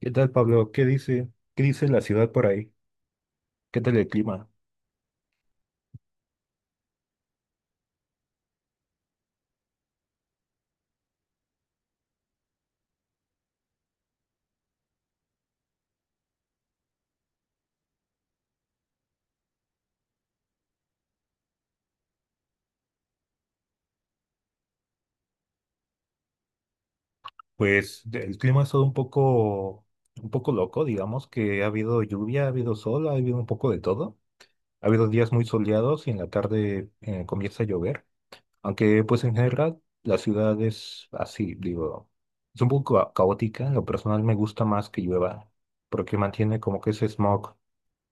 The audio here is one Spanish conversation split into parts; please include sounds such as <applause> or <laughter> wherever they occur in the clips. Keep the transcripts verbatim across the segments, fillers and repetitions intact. ¿Qué tal, Pablo? ¿Qué dice? ¿Qué dice la ciudad por ahí? ¿Qué tal el clima? Pues de- el clima ha estado un poco, un poco loco, digamos que ha habido lluvia, ha habido sol, ha habido un poco de todo. Ha habido días muy soleados y en la tarde eh, comienza a llover. Aunque pues en general la ciudad es así, digo, es un poco ca- caótica. En lo personal me gusta más que llueva porque mantiene como que ese smog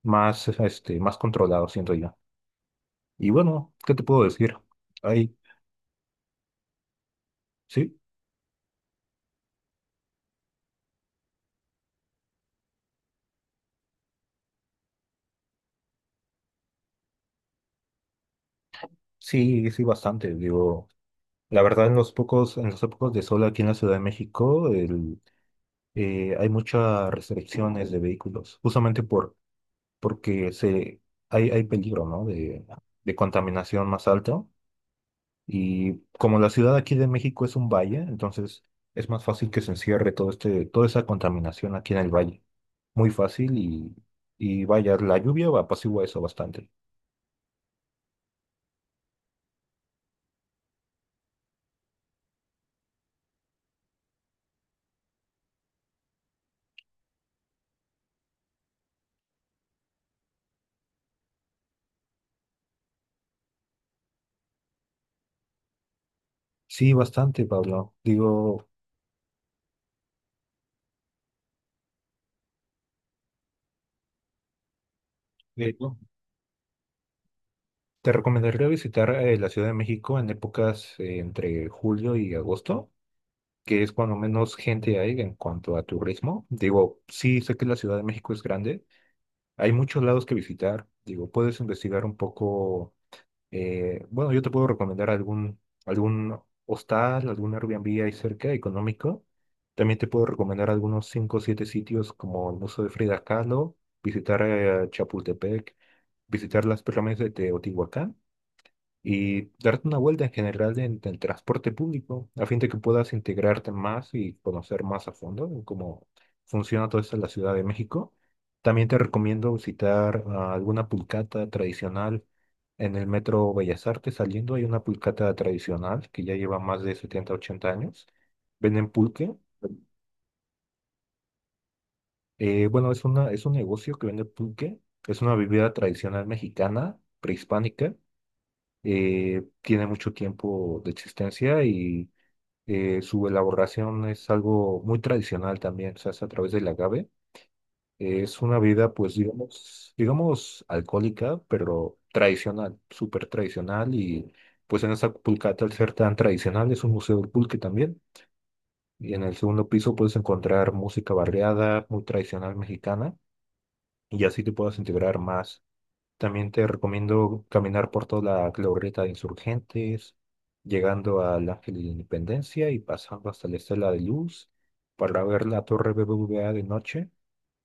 más, este, más controlado, siento yo. Y bueno, ¿qué te puedo decir? Ahí, sí. Sí, sí, bastante. Digo, la verdad, en los pocos, en los pocos de sol aquí en la Ciudad de México, el, eh, hay muchas restricciones de vehículos, justamente por, porque se, hay, hay peligro, ¿no? De, de contaminación más alta. Y como la ciudad aquí de México es un valle, entonces es más fácil que se encierre todo este, toda esa contaminación aquí en el valle. Muy fácil y, y vaya, la lluvia apacigua eso bastante. Sí, bastante, Pablo. Digo, eh, Te recomendaría visitar eh, la Ciudad de México en épocas eh, entre julio y agosto, que es cuando menos gente hay en cuanto a turismo. Digo, sí, sé que la Ciudad de México es grande, hay muchos lados que visitar. Digo, puedes investigar un poco, eh, bueno, yo te puedo recomendar algún, algún hostal, algún Airbnb ahí cerca, económico. También te puedo recomendar algunos cinco o siete sitios como el Museo de Frida Kahlo, visitar eh, Chapultepec, visitar las pirámides de Teotihuacán y darte una vuelta en general en el transporte público, a fin de que puedas integrarte más y conocer más a fondo en cómo funciona todo esto en la Ciudad de México. También te recomiendo visitar ah, alguna pulcata tradicional en el metro Bellas Artes. Saliendo hay una pulcata tradicional que ya lleva más de setenta ochenta años. Venden pulque. Eh, bueno, es una, es un negocio que vende pulque. Es una bebida tradicional mexicana, prehispánica eh, tiene mucho tiempo de existencia y eh, su elaboración es algo muy tradicional también, se hace a través del agave. Es una vida, pues, digamos, digamos, alcohólica, pero tradicional, súper tradicional y pues en esa pulcata, al ser tan tradicional, es un museo del pulque también. Y en el segundo piso puedes encontrar música barriada, muy tradicional mexicana, y así te puedas integrar más también te recomiendo caminar por toda la glorieta de Insurgentes, llegando al Ángel de la Independencia y pasando hasta la Estela de Luz para ver la Torre B B V A de noche.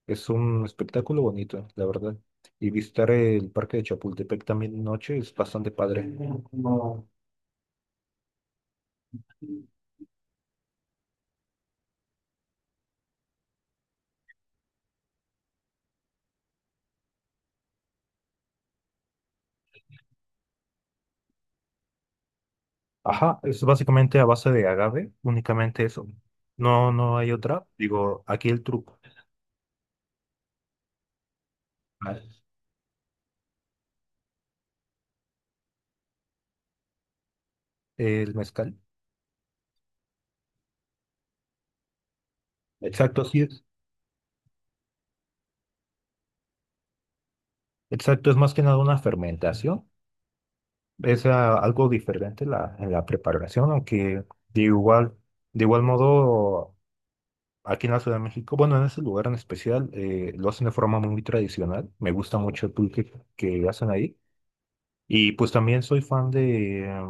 Es un espectáculo bonito, la verdad. Y visitar el Parque de Chapultepec también de noche es bastante padre. No. Ajá, es básicamente a base de agave, únicamente eso. No, no hay otra. Digo, aquí el truco. Ah, El mezcal. Exacto, sí es. Exacto, es más que nada una fermentación es ah, algo diferente la, en la preparación, aunque de igual, de igual modo, aquí en la Ciudad de México, bueno, en ese lugar en especial, eh, lo hacen de forma muy tradicional. Me gusta mucho el pulque que hacen ahí. Y pues también soy fan de, eh,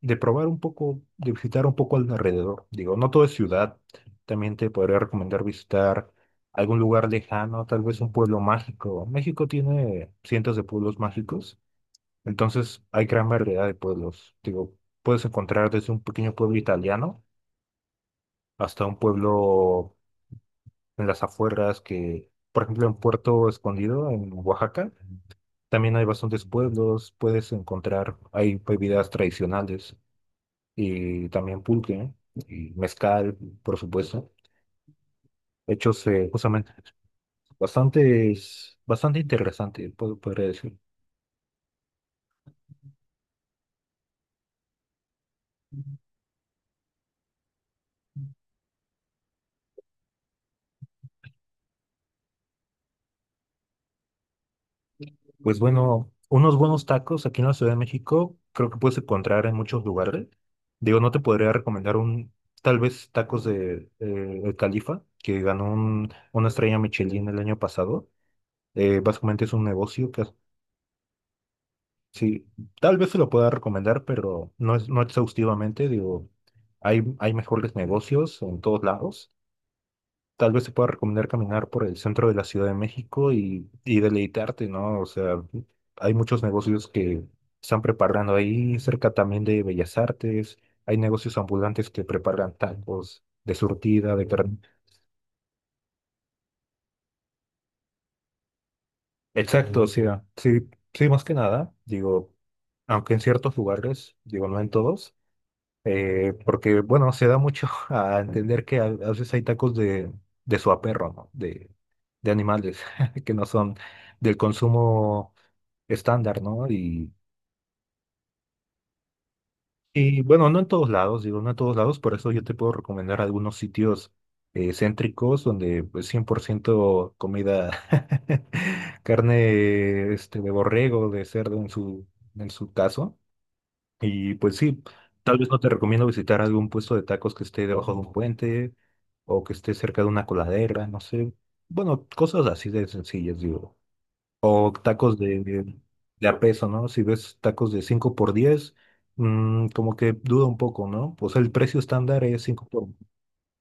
de probar un poco, de visitar un poco alrededor. Digo, no todo es ciudad. También te podría recomendar visitar algún lugar lejano, tal vez un pueblo mágico. México tiene cientos de pueblos mágicos. Entonces, hay gran variedad de pueblos. Digo, puedes encontrar desde un pequeño pueblo italiano hasta un pueblo en las afueras que, por ejemplo, en Puerto Escondido, en Oaxaca, también hay bastantes pueblos. Puedes encontrar, hay bebidas tradicionales y también pulque y mezcal, por supuesto. Hechos eh, justamente bastante, bastante interesante, pod- podría decir. Pues bueno, unos buenos tacos aquí en la Ciudad de México creo que puedes encontrar en muchos lugares. Digo, no te podría recomendar un, tal vez tacos de eh, El Califa, que ganó un- una estrella Michelin el año pasado. Eh, básicamente es un negocio que sí, tal vez se lo pueda recomendar, pero no es, no exhaustivamente. Digo, hay, hay mejores negocios en todos lados. Tal vez te pueda recomendar caminar por el centro de la Ciudad de México y, y deleitarte, ¿no? O sea, hay muchos negocios que están preparando ahí, cerca también de Bellas Artes, hay negocios ambulantes que preparan tacos de surtida, de carne. Exacto, o sea, sí, sí, más que nada, digo, aunque en ciertos lugares, digo, no en todos. Eh, porque, bueno, se da mucho <laughs> a entender que a, a veces hay tacos de, de suaperro, ¿no? De, de animales <laughs> que no son del consumo estándar, ¿no? Y, y, bueno, no en todos lados, digo, no en todos lados, por eso yo te puedo recomendar algunos sitios eh, céntricos donde pues cien por ciento comida, <laughs> carne este, de borrego, de cerdo en su, en su caso. Y pues sí, tal vez no te recomiendo visitar algún puesto de tacos que esté debajo de un puente o que esté cerca de una coladera, no sé. Bueno, cosas así de sencillas, digo. O tacos de, de a peso, ¿no? Si ves tacos de cinco por diez mm, como que duda un poco, ¿no? O sea, el precio estándar es cinco por,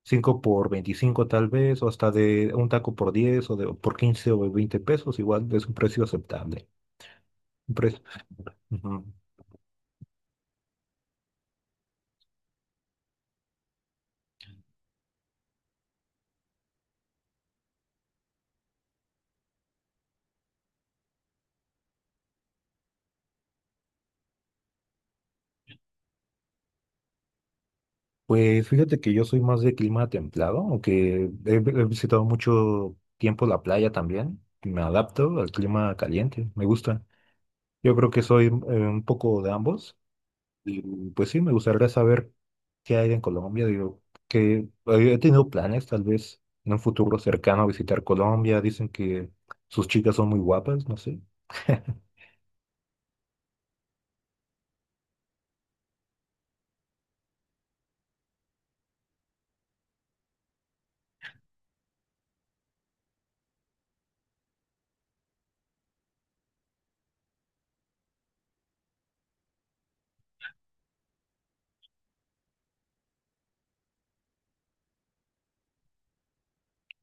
cinco por veinticinco tal vez, o hasta de un taco por diez o de, por quince o veinte pesos, igual es un precio aceptable. Un precio. Ujú. Pues fíjate que yo soy más de clima templado, aunque he, he visitado mucho tiempo la playa también. Me adapto al clima caliente, me gusta. Yo creo que soy eh, un poco de ambos. Y pues sí, me gustaría saber qué hay en Colombia. Digo, que eh, he tenido planes, tal vez en un futuro cercano, visitar Colombia. Dicen que sus chicas son muy guapas, no sé. <laughs>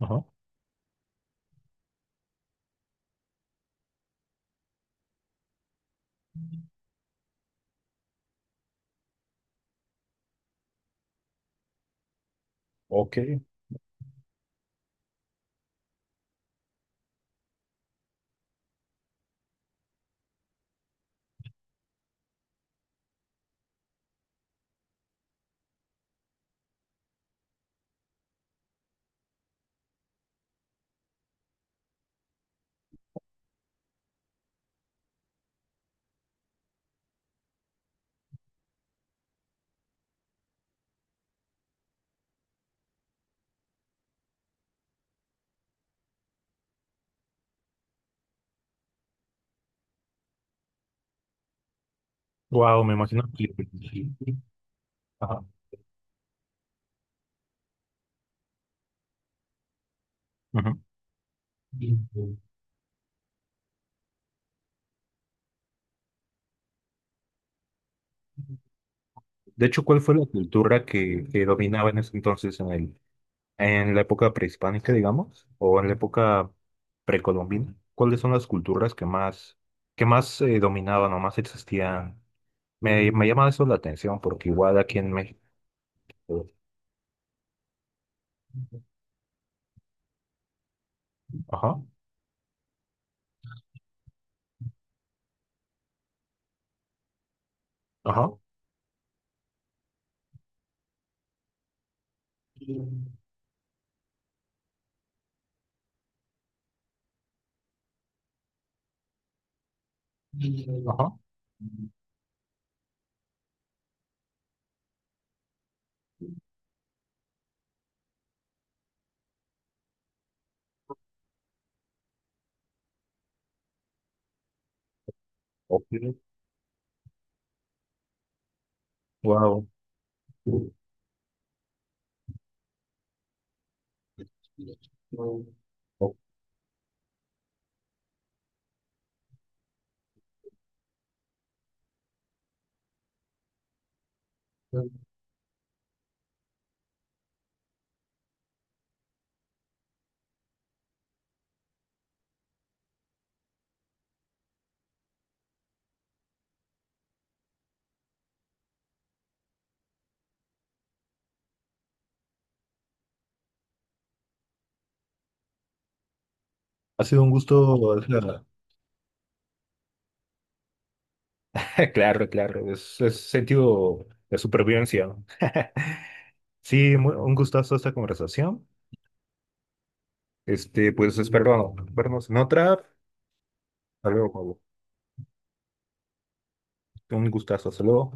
Ajá. Ok. Wow, me imagino que. Sí. Ajá. Ujú. De hecho, ¿cuál fue la cultura que, que dominaba en ese entonces en el, en la época prehispánica, digamos, o en la época precolombina? ¿Cuáles son las culturas que más, que más eh, dominaban o más existían? Me, me llama eso la atención porque igual aquí en México. Ajá, ajá, ajá. Wow. Ha sido un gusto. <laughs> Claro, claro, es, es sentido de supervivencia. <laughs> Sí, mu- un gustazo esta conversación. Este, pues espero vernos en otra. Hasta luego, Pablo. Un gustazo, hasta luego.